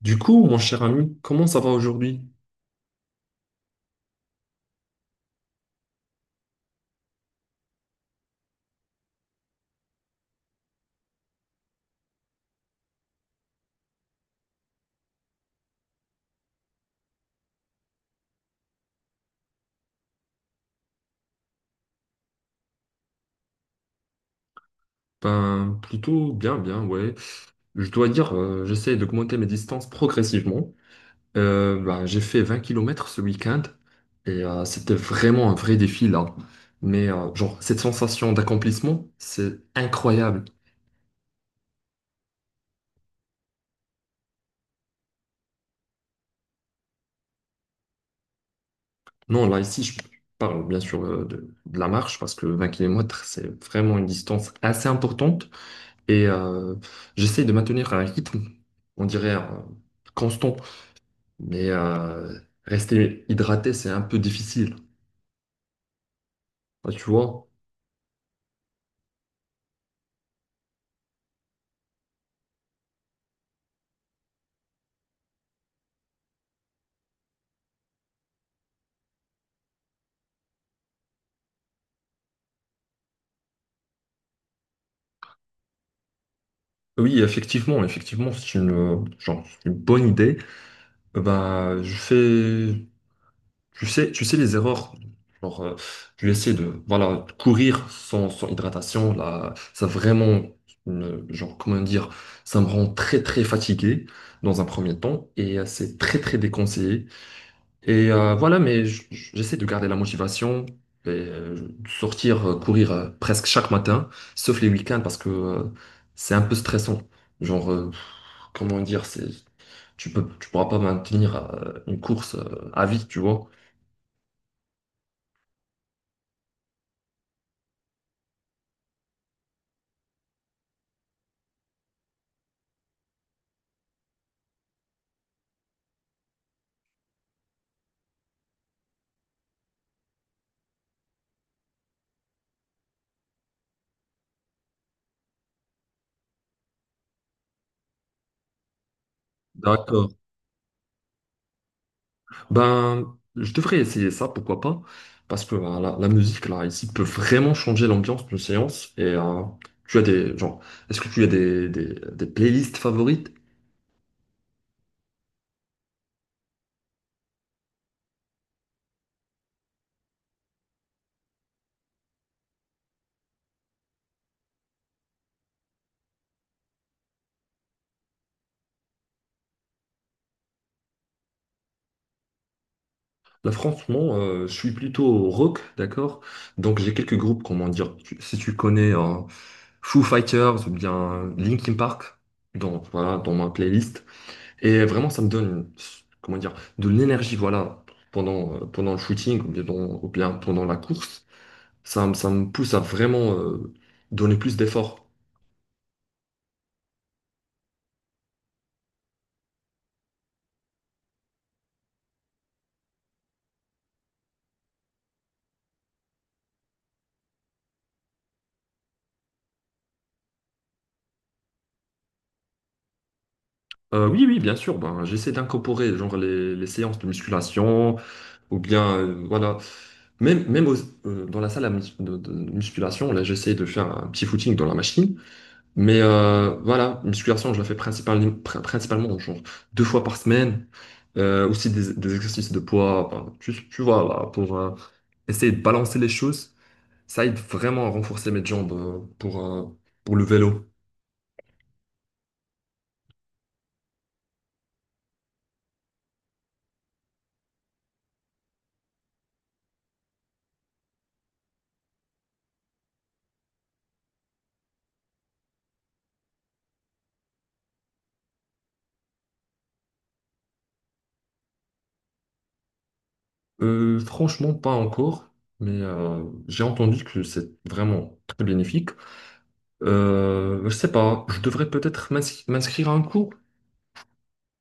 Du coup, mon cher ami, comment ça va aujourd'hui? Ben, plutôt bien, bien, ouais. Je dois dire, j'essaie d'augmenter mes distances progressivement. Ben, j'ai fait 20 km kilomètres ce week-end et c'était vraiment un vrai défi là. Mais genre, cette sensation d'accomplissement, c'est incroyable. Non, là, ici, je parle bien sûr de la marche parce que 20 km kilomètres c'est vraiment une distance assez importante et j'essaie de maintenir un rythme, on dirait, constant. Mais rester hydraté, c'est un peu difficile. Ah, tu vois? Oui, effectivement, effectivement, genre, c'est une bonne idée. Bah, je fais, tu sais les erreurs. Genre, je vais essayer de, voilà, courir sans hydratation. Là, ça vraiment, genre, comment dire, ça me rend très, très fatigué dans un premier temps et c'est très, très déconseillé. Et voilà, mais j'essaie de garder la motivation et de sortir courir presque chaque matin, sauf les week-ends parce que c'est un peu stressant. Genre, comment dire, c'est tu pourras pas maintenir une course à vie, tu vois. D'accord. Ben, je devrais essayer ça, pourquoi pas, parce que la musique là ici peut vraiment changer l'ambiance d'une séance. Et tu as des genre, est-ce que tu as des playlists favorites? Là, franchement, je suis plutôt rock, d'accord? Donc, j'ai quelques groupes, comment dire, si tu connais hein, Foo Fighters ou bien Linkin Park, dans, voilà, dans ma playlist. Et vraiment, ça me donne, comment dire, de l'énergie, voilà, pendant le shooting ou bien, ou bien pendant la course. Ça me pousse à vraiment donner plus d'efforts. Oui, oui, bien sûr, ben, j'essaie d'incorporer genre les séances de musculation. Ou bien, voilà. Même, même dans la salle de musculation, là, j'essaie de faire un petit footing dans la machine. Mais voilà, musculation, je la fais principalement genre deux fois par semaine. Aussi des exercices de poids, enfin, tu vois, là, pour essayer de balancer les choses. Ça aide vraiment à renforcer mes jambes pour le vélo. Franchement, pas encore, mais j'ai entendu que c'est vraiment très bénéfique. Je sais pas, je devrais peut-être m'inscrire à un cours.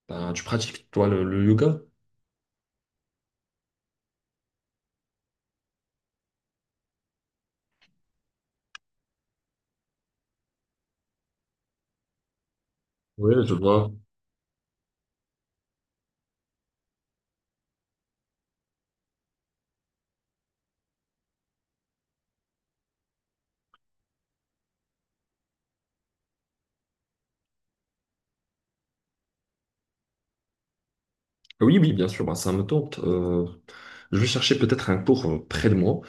Ben, tu pratiques, toi, le yoga? Oui, je vois. Oui, oui, bien sûr, ben, ça me tente. Je vais chercher peut-être un cours près de moi.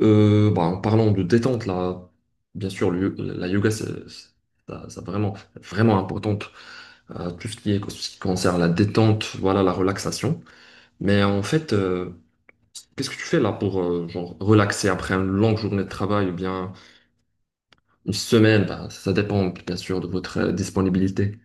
Ben, en parlant de détente, là, bien sûr, le la yoga, ça vraiment, vraiment importante. Tout ce qui est, ce qui concerne la détente, voilà, la relaxation. Mais en fait, qu'est-ce que tu fais là pour genre, relaxer après une longue journée de travail ou bien une semaine, bah, ça dépend bien sûr de votre disponibilité.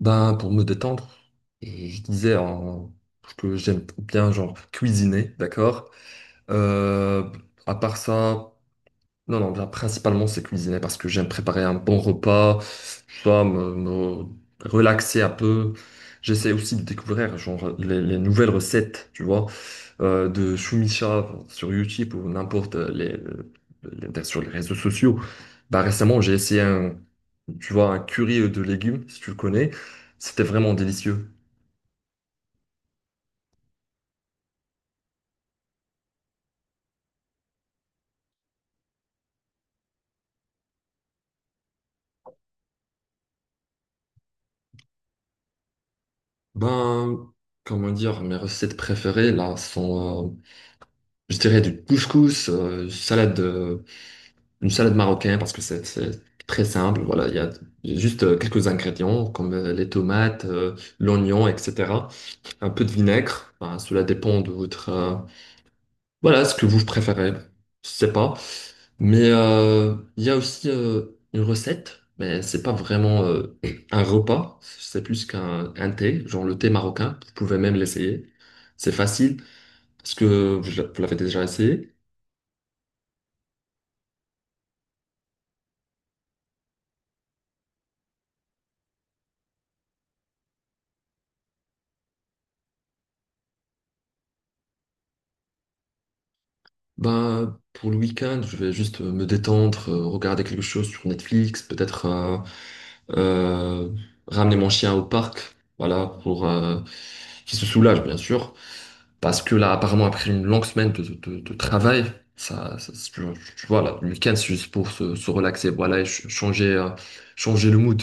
Ben, pour me détendre, et je disais que j'aime bien genre cuisiner, d'accord? Euh, à part ça, non, non, ben, principalement c'est cuisiner parce que j'aime préparer un bon repas, tu vois, me relaxer un peu. J'essaie aussi de découvrir genre, les nouvelles recettes, tu vois, de Shumisha sur YouTube ou n'importe sur les réseaux sociaux. Bah, récemment, j'ai essayé tu vois, un curry de légumes, si tu le connais. C'était vraiment délicieux. Ben, comment dire, mes recettes préférées, là, sont, je dirais, du couscous, salade une salade marocaine parce que c'est très simple. Voilà, il y a juste quelques ingrédients comme les tomates, l'oignon, etc. Un peu de vinaigre. Ben, cela dépend de votre voilà ce que vous préférez. Je sais pas. Mais il y a aussi une recette, mais c'est pas vraiment un repas. C'est plus qu'un un thé, genre le thé marocain. Vous pouvez même l'essayer. C'est facile parce que vous l'avez déjà essayé. Bah, pour le week-end, je vais juste me détendre, regarder quelque chose sur Netflix, peut-être euh, ramener mon chien au parc, voilà, pour qu'il se soulage, bien sûr. Parce que là, apparemment, après une longue semaine de travail, ça, ça- tu, tu vois, là, le week-end, c'est juste pour se relaxer, voilà, et changer le mood.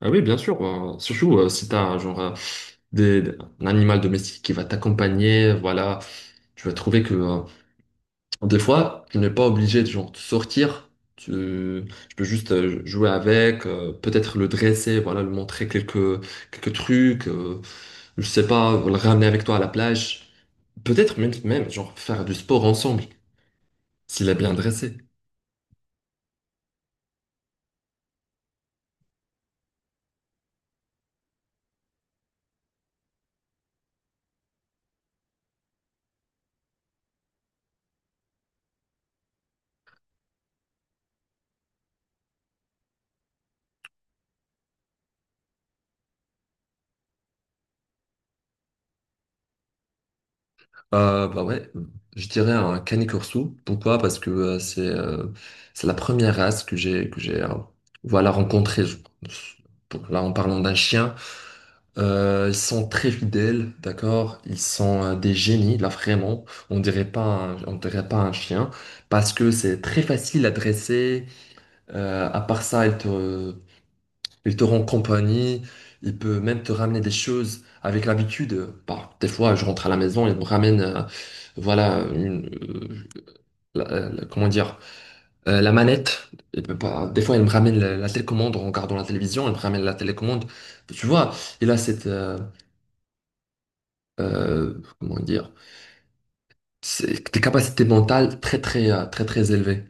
Ah oui, bien sûr, surtout si t'as genre des, un animal domestique qui va t'accompagner, voilà, tu vas trouver que des fois, tu n'es pas obligé de sortir. Tu, tu peux juste jouer avec, peut-être le dresser, voilà, lui montrer quelques trucs, je sais pas, le ramener avec toi à la plage. Peut-être même, même genre faire du sport ensemble, s'il est bien dressé. Bah ouais, je dirais un Canis Corso. Pourquoi? Parce que c'est la première race que j'ai voilà rencontrée. Là, en parlant d'un chien, ils sont très fidèles, d'accord? Ils sont des génies, là vraiment. On dirait pas un chien parce que c'est très facile à dresser. À part ça, il te rend compagnie. Il peut même te ramener des choses avec l'habitude. Bah, des fois, je rentre à la maison, il me ramène, voilà, comment dire, la manette. Il peut pas- Des fois, il me ramène la télécommande en regardant la télévision. Il me ramène la télécommande. Tu vois, il a cette euh, comment dire, tes capacités mentales très très très très élevées.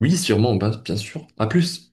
Oui, sûrement, ben, bien sûr. À plus.